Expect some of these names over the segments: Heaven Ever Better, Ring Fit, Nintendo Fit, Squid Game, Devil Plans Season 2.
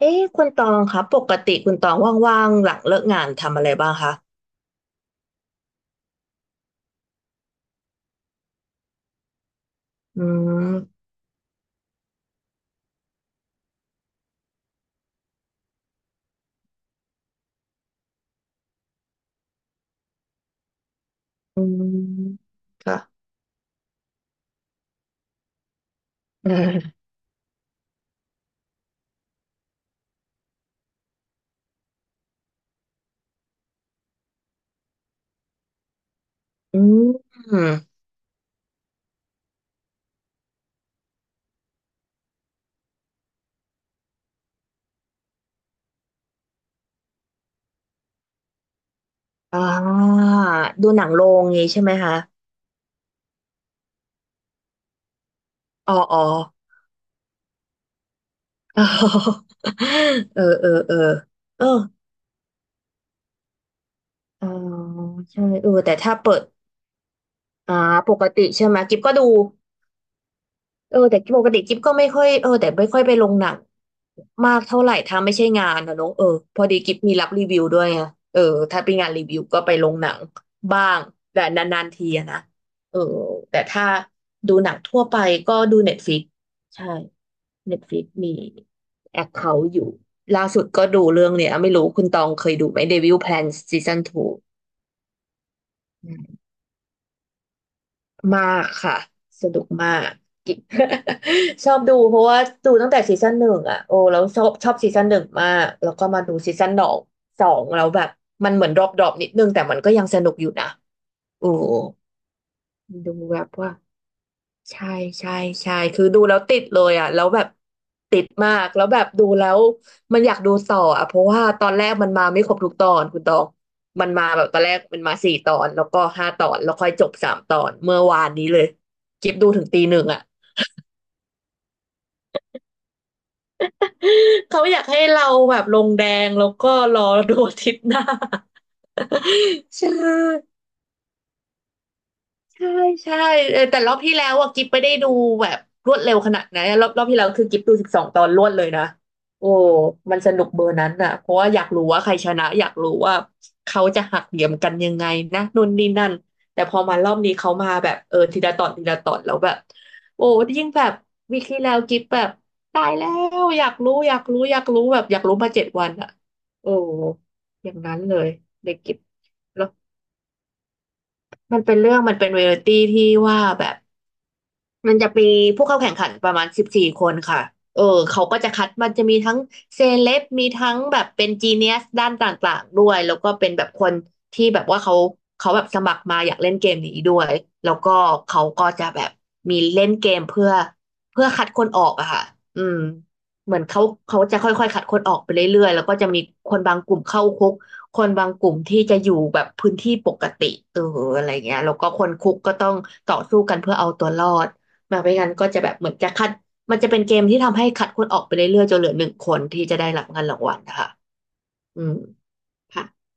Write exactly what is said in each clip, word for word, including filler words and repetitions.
เอ๊ะคุณตองคะปกติคุณตองว่างๆหลังเลิกงานทำอะไรบ้างคะอืมอืมค่ะ เอออืมอ่าดูหนังโรงงี้ใช่ไหมคะอ๋ออ๋ออ๋อ เออเออเออเอออ๋อใช่เออแต่ถ้าเปิดอ่าปกติใช่ไหมกิฟก็ดู เออแต่ปกติกิ๊บก็ไม่ค่อยเออแต่ไม่ค่อยไปลงหนังมากเท่าไหร่ถ้าไม่ใช่งานนะเนอะเออพอดีกิ๊บมีรับรีวิวด้วยไงเออถ้าเป็นงานรีวิวก็ไปลงหนังบ้างแต่นานๆทีอะนะเออแต่ถ้าดูหนังทั่วไปก็ดูเน็ตฟ i ิกใช่เน็ตฟลิกมีแอคเคาท์อยู่ล่าสุดก็ดูเรื่องเนี้ยไม่รู้คุณตองเคยดูไหม Devil Plans Season ทู มากค่ะสนุกมาก กิ๊ก ชอบดูเพราะว่าดูตั้งแต่ซีซั่นหนึ่งอ่ะโอ้แล้วชอบชอบซีซั่นหนึ่งมากแล้วก็มาดูซีซั่นสองสองแล้วแบบมันเหมือนดรอปดรอปนิดนึงแต่มันก็ยังสนุกอยู่นะโอ้ดูแบบว่า ใช่ใช่ใช่คือดูแล้วติดเลยอ่ะแล้วแบบติดมากแล้วแบบดูแล้วมันอยากดูต่ออ่ะเพราะว่าตอนแรกมันมาไม่ครบทุกตอนคุณตองมันมาแบบตอนแรกมันมาสี่ตอนแล้วก็ห้าตอนแล้วค่อยจบสามตอนเมื่อวานนี้เลยกิฟดูถึงตีหนึ่งอ่ะเขาอยากให้เราแบบลงแดงแล้วก็รอดูอาทิตย์หน้า ใช่ ใช่ใช่เออแต่รอบที่แล้วอ่ะกิ๊บไม่ได้ดูแบบรวดเร็วขนาดนั้นรอบรอบที่แล้วคือกิ๊บดูสิบสองตอนรวดเลยนะโอ้มันสนุกเบอร์นั้นอ่ะเพราะว่าอยากรู้ว่าใครชนะอยากรู้ว่าเขาจะหักเหลี่ยมกันยังไงนะนู่นนี่นั่นแต่พอมารอบนี้เขามาแบบเออทีละตอนทีละตอนแล้วแบบโอ้ยิ่งแบบวีคที่แล้วกิ๊บแบบตายแล้วอยากรู้อยากรู้อยากรู้แบบอยากรู้มาเจ็ดวันอ่ะโอ้อย่างนั้นเลยเด็กกิ๊บแล้วมันเป็นเรื่องมันเป็นเรียลตี้ที่ว่าแบบ มันจะมีผู้เข้าแข่งขันประมาณสิบสี่คนค่ะเออเขาก็จะคัดมันจะมีทั้งเซเลบมีทั้งแบบเป็นจีเนียสด้านต่างๆด้วยแล้วก็เป็นแบบคนที่แบบว่าเขาเขาแบบสมัครมาอยากเล่นเกมนี้ด้วยแล้วก็เขาก็จะแบบมีเล่นเกมเพื่อเพื่อคัดคนออกอะค่ะอืมเหมือนเขาเขาจะค่อยๆคัดคนออกไปเรื่อยๆแล้วก็จะมีคนบางกลุ่มเข้าคุกคนบางกลุ่มที่จะอยู่แบบพื้นที่ปกติเอออะไรเงี้ยแล้วก็คนคุกก็ต้องต่อสู้กันเพื่อเอาตัวรอด แบบไม่งั้นก็จะแบบเหมือนจะคัดมันจะเป็นเกมที่ทำให้คัดคนออกไปเรื่อยๆจนเหลือหนึ่งคนที่จะได้รับเงินรางวัลนะคะอืมค่ะ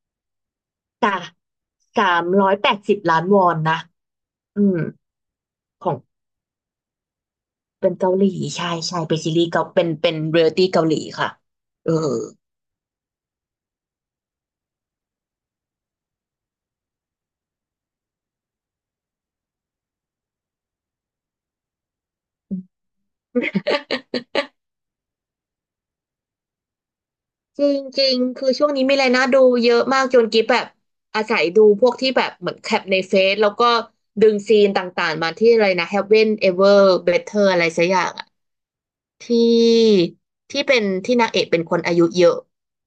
จากสามร้อยแปดสิบล้านวอนนะอืมของเป็นเกาหลีใช่ใช่เป็นซีรีส์เกาเป็นเป็นเรียลตี้เกาหลีค่ะเออจริงจริงคือช่วงนี้มีอะไรน่าดูเยอะมากจนกิ๊บแบบอาศัยดูพวกที่แบบเหมือนแคปในเฟซแล้วก็ดึงซีนต่างๆมาที่อะไรนะ Heaven Ever Better อะไรสักอย่างอะ ที่ที่เป็นที่นางเอกเป็นคนอายุเยอะ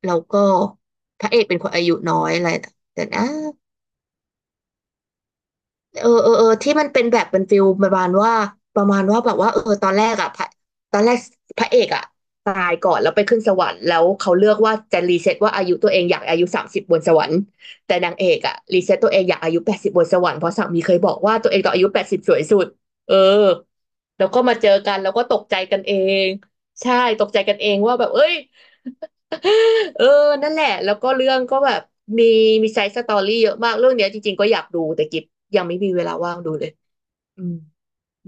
แล้วก็พระเอกเป็นคนอายุน้อยอะไรแต่นะ เออเออเออที่มันเป็นแบบเป็นฟิลประมาณว่าประมาณว่าแบบว่าเออตอนแรกอ่ะพระตอนแรกพระเอกอ่ะตายก่อนแล้วไปขึ้นสวรรค์แล้วเขาเลือกว่าจะรีเซ็ตว่าอายุตัวเองอยากอายุสามสิบบนสวรรค์แต่นางเอกอ่ะรีเซ็ตตัวเองอยากอายุแปดสิบบนสวรรค์เพราะสามีเคยบอกว่าตัวเองตอนอายุแปดสิบสวยสุดเออแล้วก็มาเจอกันแล้วก็ตกใจกันเองใช่ตกใจกันเองว่าแบบเอ้ย เออนั่นแหละแล้วก็เรื่องก็แบบมีมีไซส์สตอรี่เยอะมากเรื่องเนี้ยจริงๆก็อยากดูแต่กิฟยังไม่มีเวลาว่างดูเลยอืม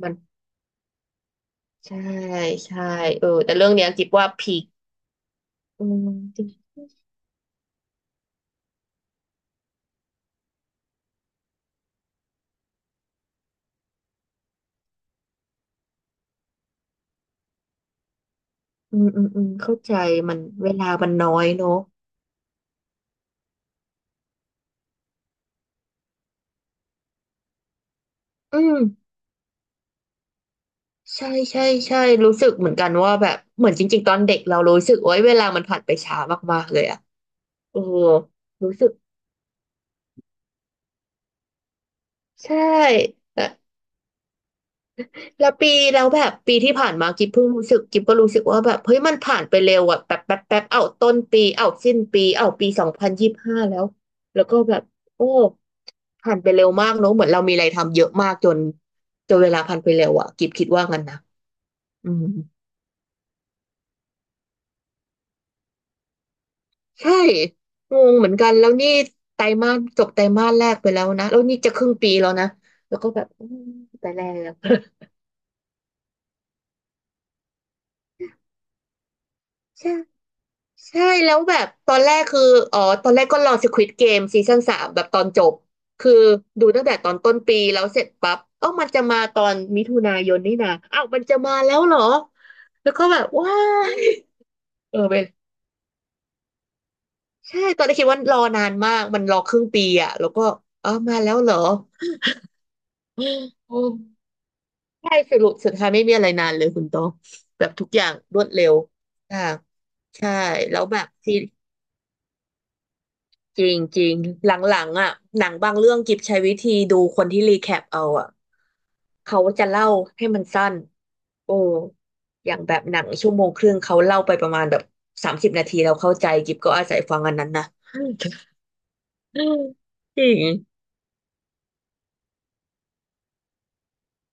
มันใช่ใช่เออแต่เรื่องเนี้ยกิฟว่าพีคอืมจริงอืมอืมอืมเข้าใจมันเวลามันน้อยเนอะอืมใช่ใช่ใช่รู้สึกเหมือนกันว่าแบบเหมือนจริงๆตอนเด็กเรารู้สึกโอ้ยเวลามันผ่านไปช้ามากๆเลยอะเออรู้สึกใช่ แล้วปีแล้วแบบปีที่ผ่านมากิ๊บเพิ่งรู้สึกกิ๊บก็รู้สึกว่าแบบเฮ้ยมันผ่านไปเร็วอะแบบแป๊บแป๊บเอาต้นปีเอาสิ้นปีเอาปีสองพันยี่สิบห้าแล้วแล้วก็แบบโอ้ผ่านไปเร็วมากเนอะเหมือนเรามีอะไรทำเยอะมากจนจนเวลาผ่านไปเร็วอะกิ๊บคิดว่างั้นนะอืมใช่งงเหมือนกันแล้วนี่ไตรมาสจบไตรมาสแรกไปแล้วนะแล้วนี่จะครึ่งปีแล้วนะแล้วก็แบบอืมไปแล้วใช่ ใช่แล้วแบบตอนแรกคืออ๋อตอนแรกก็รอ Squid Game ซีซั่นสามแบบตอนจบคือดูตั้งแต่ตอนต้นปีแล้วเสร็จปั๊บเอ้ามันจะมาตอนมิถุนายนนี่นะอ้าวมันจะมาแล้วเหรอแล้วก็แบบว้ายเออเป็นใช่ตอนแรกคิดว่ารอนานมากมันรอครึ่งปีอะแล้วก็อ้าวมาแล้วเหรอโอ้ใช่สรุปสุดท้ายไม่มีอะไรนานเลยคุณโตองแบบทุกอย่างรวดเร็วอ่าใช่แล้วแบบซี จริงจริงหลังๆอ่ะหนังบางเรื่องกิบใช้วิธีดูคนที่รีแคปเอาอ่ะเขาจะเล่าให้มันสั้นโอ้อย่างแบบหนังชั่วโมงครึ่งเขาเล่าไปประมาณแบบสามสิบนาทีเราเข้าใจกิบก็อาศัยฟังอันนั้นนะ จริง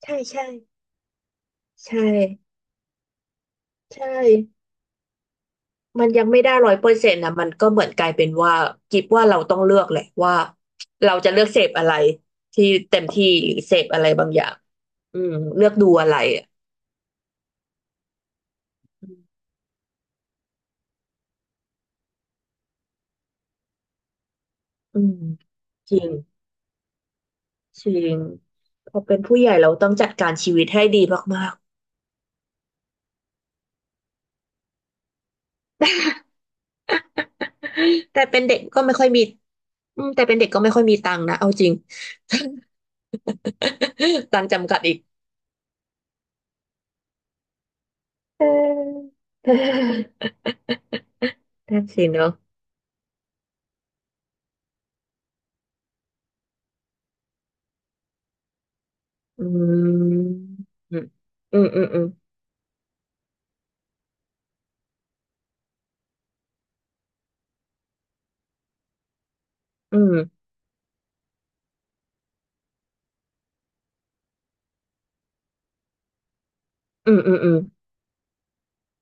ใช่ใช่ใช่ใช่มันยังไม่ได้ร้อยเปอร์เซ็นต์นะมันก็เหมือนกลายเป็นว่ากิบว่าเราต้องเลือกแหละว่าเราจะเลือกเสพอะไรที่เต็มที่หรือเสพอะไรบางอย่างอืมเลือกดูอะไรอะ อืมจริงจริงพอเป็นผู้ใหญ่เราต้องจัดการชีวิตให้ดีมากๆ แต่แต่เป็นเด็กก็ไม่ค่อยมีอืมแต่เป็นเด็กก็ไม่ค่อยมีตังค์นะเอาจริง ตังค์จำกัดอีก เออเออนั่นสิเนอะอืมอืมอืมอืมอืมอืมอืมอืมอืม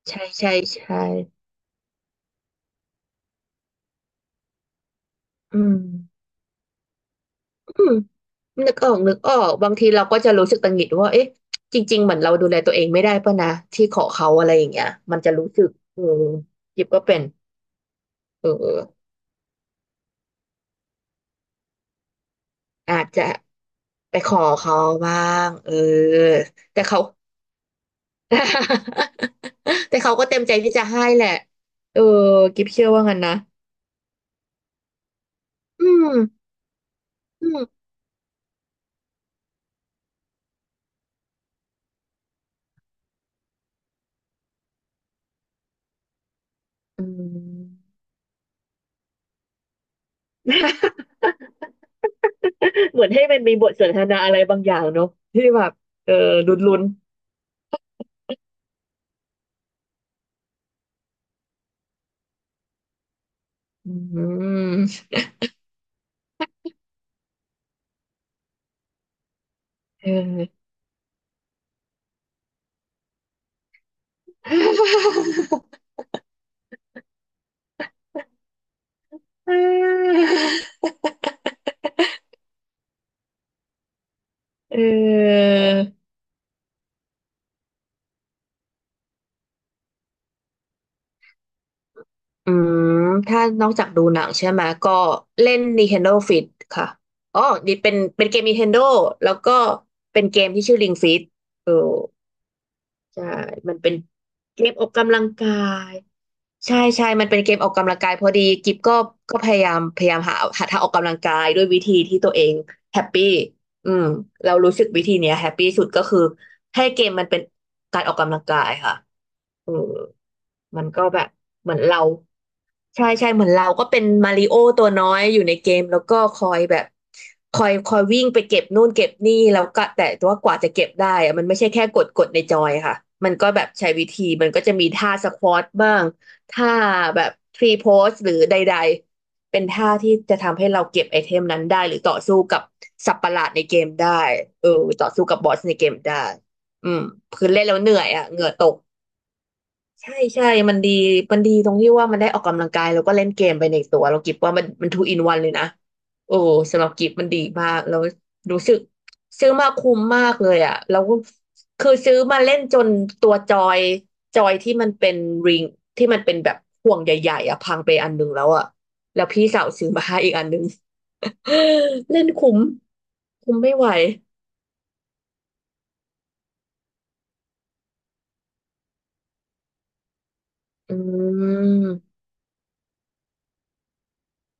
ใช่ใช่ใช่อืมอืม นึกออกนึกออกบางทีเราก็จะรู้สึกตังหงิดว่าเอ๊ะจริงๆเหมือนเราดูแลตัวเองไม่ได้ป่ะนะที่ขอเขาอะไรอย่างเงี้ยมันจะรู้สึกเออยิบก็เป็นเอออาจจะไปขอเขาบ้างเออแต่เขา แต่เขาก็เต็มใจที่จะให้แหละเออกิฟเชื่อว่างั้นนะอืมอืม อืมเหมือนให้มันมีบทสนทนาอะไรบางอย่างเนอะที่แบบเออลุ้นๆอืมเออ เอออืมถ้านอกจากดูหนังใช่ไหม ก็เล่น Nintendo Fit ค่ะอ๋อดีเป็นเป็นเกม Nintendo แล้วก็เป็นเกมที่ชื่อ Ring Fit เออใช่มันเป็นเกมออกกำลังกาย ใช่ใช่มันเป็นเกมออกกำลังกายพอดีกิฟก็ก็พยายามพยายามหาหาทางออกกำลังกายด้วยวิธีที่ตัวเองแฮปปี้อืมเรารู้สึกวิธีเนี้ยแฮปปี้สุดก็คือให้เกมมันเป็นการออกกำลังกายค่ะเออมมันก็แบบเหมือนเราใช่ใช่เหมือนเราก็เป็นมาริโอตัวน้อยอยู่ในเกมแล้วก็คอยแบบคอยคอยวิ่งไปเก็บนู่นเก็บนี่แล้วก็แต่ว่ากว่าจะเก็บได้อะมันไม่ใช่แค่กดกดในจอยค่ะมันก็แบบใช้วิธีมันก็จะมีท่าสควอตบ้าง ท่าแบบพรีโพสหรือใดๆ เป็นท่าที่จะทำให้เราเก็บไอเทมนั้นได้หรือต่อสู้กับสัตว์ประหลาดในเกมได้เออต่อสู้กับบอสในเกมได้อืมคือเล่นแล้วเหนื่อยอ่ะเหงื่อตก ใช่ใช่มันดีมันดีตรงที่ว่ามันได้ออกกำลังกายแล้วก็เล่นเกมไปในตัวเรากิบว่ามันมันทูอินวันเลยนะโอ้สำหรับกิบมันดีมากแล้วรู้สึกซื้อมาคุ้มมากเลยอ่ะแล้วก็คือซื้อมาเล่นจนตัวจอยจอยที่มันเป็นริงที่มันเป็นแบบห่วงใหญ่ๆอ่ะพังไปอันหนึงแล้วอ่ะแล้วพี่สาวซื้อมาให้อีกอันหนึง เล่นคุ้มคุ้มไม่ไหวอืม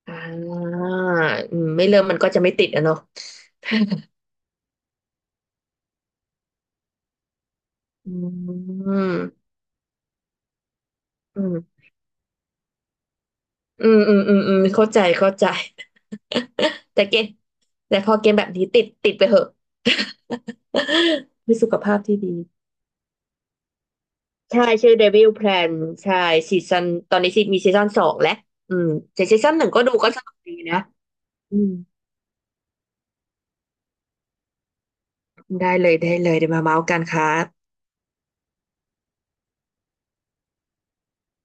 อ่าอืมไม่เริ่มมันก็จะไม่ติดอะเนาะ อืม อืม อืม อืม อืม อืมเข้าใจเข้าใจ แต่เกมแต่พอเกมแบบนี้ติด ติดไปเหอะ มีสุขภาพที่ดี ใช่ ชื่อ Devil Plan ใช่ซีซันตอนนี้ซีมีซีซันสองแล้วอืมแต่ซีซันหนึ่งก็ดูก็สนุกดีนะ อืม ได้เลย ได้เลยเดี๋ยวมาเมาส์กันครับ